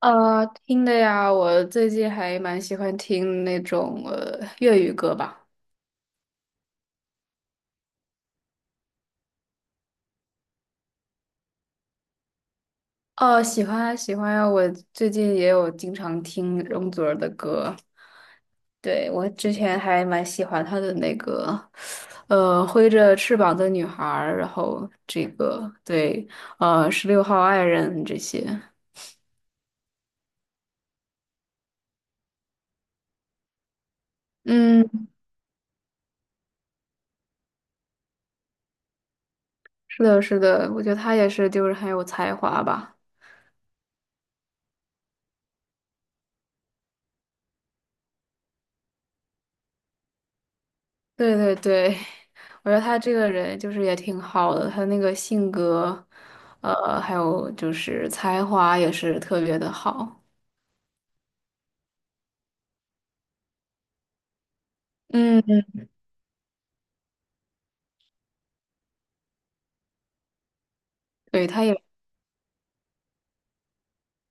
听的呀，我最近还蛮喜欢听那种粤语歌吧。哦，喜欢啊喜欢啊，我最近也有经常听容祖儿的歌。对，我之前还蛮喜欢她的那个，挥着翅膀的女孩儿，然后这个对，十六号爱人这些。嗯，是的，是的，我觉得她也是，就是很有才华吧。对对对，我觉得他这个人就是也挺好的，他那个性格，还有就是才华也是特别的好。嗯，对，他也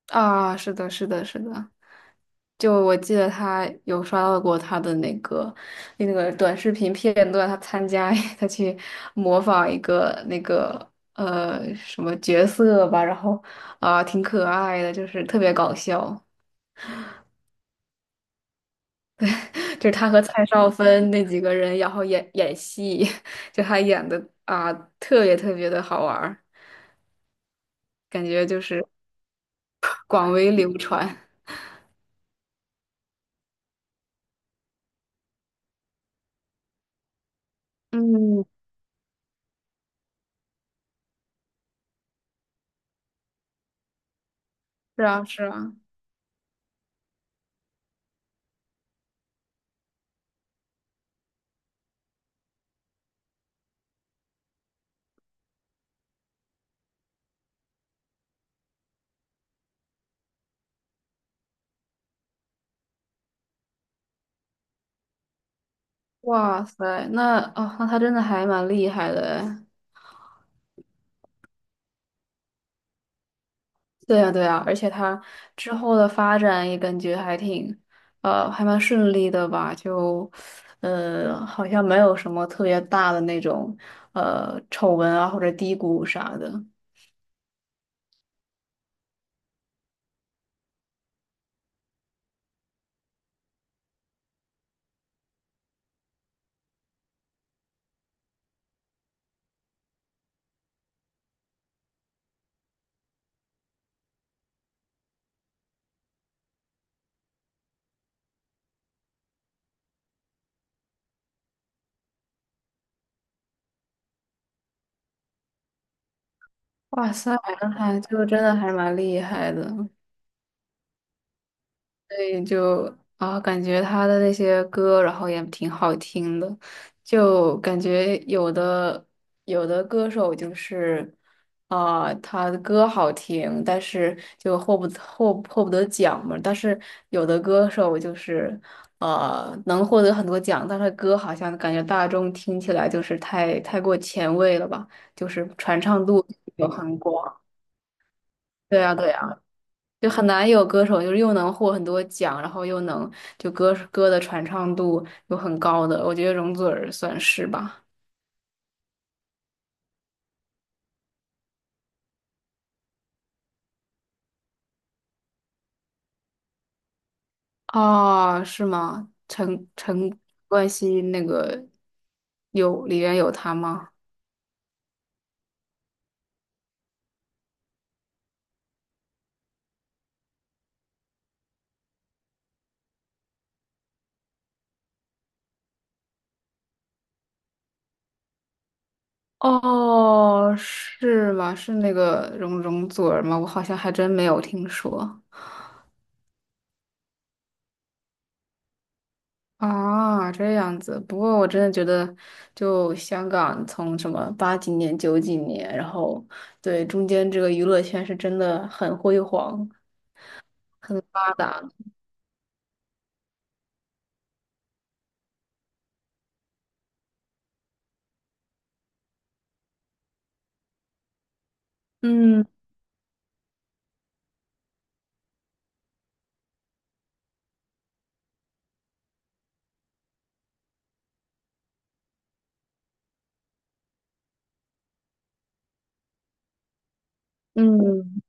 啊，是的，是的，是的。就我记得他有刷到过他的那个短视频片段，他参加 他去模仿一个那个什么角色吧，然后啊、挺可爱的，就是特别搞笑。就是他和蔡少芬那几个人，然后演演戏，就他演的啊，特别特别的好玩儿，感觉就是 广为流传。嗯，是啊，是啊，哇塞，那哦，那他真的还蛮厉害的哎。对呀，对呀，而且他之后的发展也感觉还挺，还蛮顺利的吧？就，好像没有什么特别大的那种，丑闻啊或者低谷啥的。哇塞，正还就真的还蛮厉害的，所以就啊，感觉他的那些歌，然后也挺好听的，就感觉有的歌手就是啊，他的歌好听，但是就获不得奖嘛，但是有的歌手就是能获得很多奖，但是歌好像感觉大众听起来就是太过前卫了吧，就是传唱度有很广。对呀，对呀。就很难有歌手就是又能获很多奖，然后又能就歌的传唱度又很高的，我觉得容祖儿算是吧。哦，是吗？陈冠希那个有里面有他吗？哦，是吗？是那个容祖儿吗？我好像还真没有听说。啊，这样子。不过我真的觉得，就香港从什么八几年、九几年，然后对中间这个娱乐圈是真的很辉煌、很发达。嗯嗯，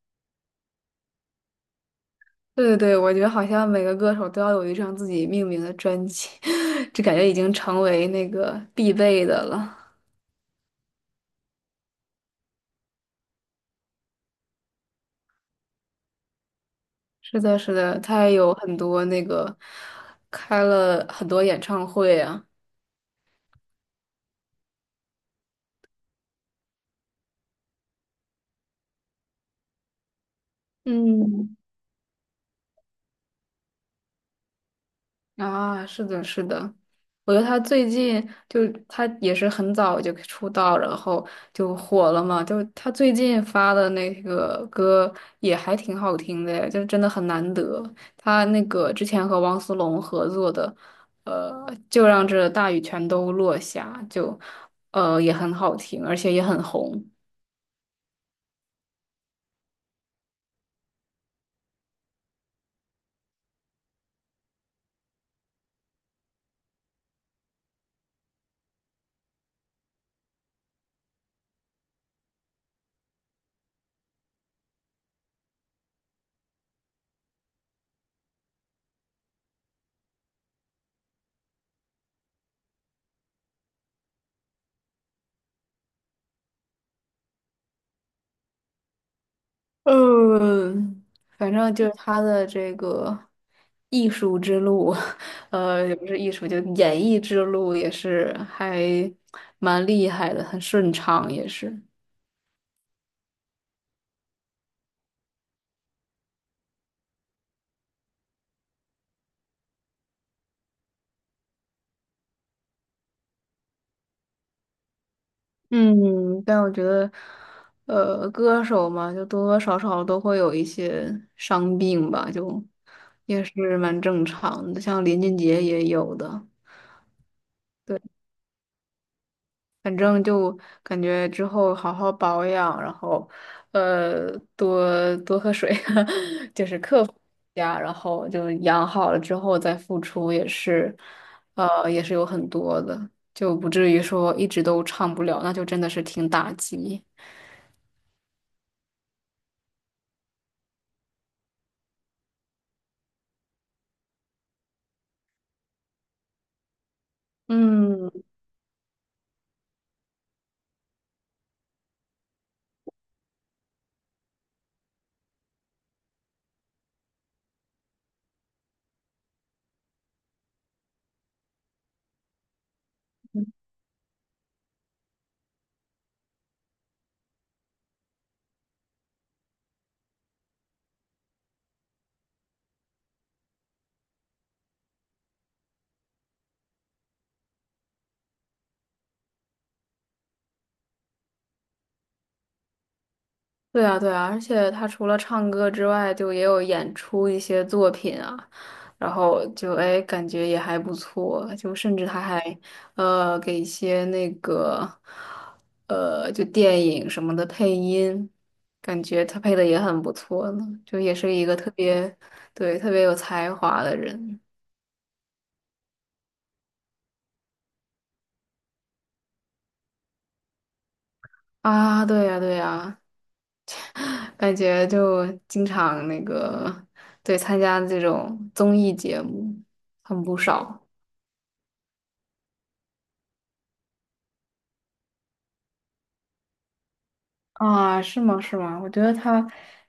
对对对，我觉得好像每个歌手都要有一张自己命名的专辑，这感觉已经成为那个必备的了。是的，是的，他也有很多那个开了很多演唱会啊。嗯。啊，是的，是的，我觉得他最近就他也是很早就出道，然后就火了嘛。就他最近发的那个歌也还挺好听的，就真的很难得。他那个之前和汪苏泷合作的，就让这大雨全都落下，就也很好听，而且也很红。嗯，反正就是他的这个艺术之路，也不是艺术，就演艺之路也是还蛮厉害的，很顺畅也是。嗯，但我觉得，歌手嘛，就多多少少都会有一些伤病吧，就也是蛮正常的，像林俊杰也有的。对反正就感觉之后好好保养，然后，呃，多多喝水，就是克服一下，然后就养好了之后再付出也是，也是有很多的，就不至于说一直都唱不了，那就真的是挺打击。嗯。对啊，对啊，而且他除了唱歌之外，就也有演出一些作品啊，然后就哎，感觉也还不错，就甚至他还给一些那个就电影什么的配音，感觉他配的也很不错呢，就也是一个特别对特别有才华的人啊，对呀，对呀，感觉就经常那个对参加这种综艺节目很不少。啊，是吗？是吗？我觉得他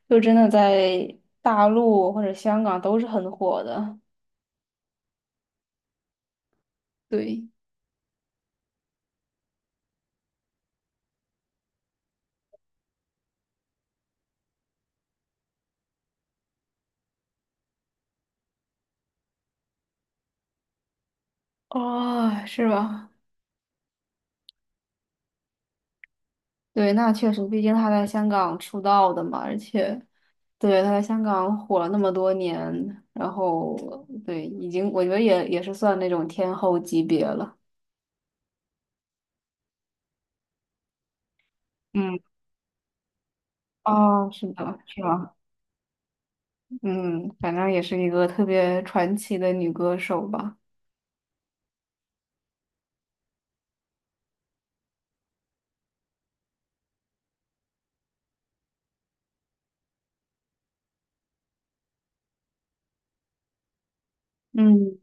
就真的在大陆或者香港都是很火的。对，哦，是吧？对，那确实，毕竟他在香港出道的嘛，而且对他在香港火了那么多年，然后对，已经我觉得也也是算那种天后级别了。嗯，哦，是的，是吧？嗯，反正也是一个特别传奇的女歌手吧。嗯，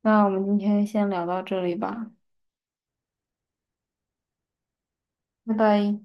那我们今天先聊到这里吧，拜拜。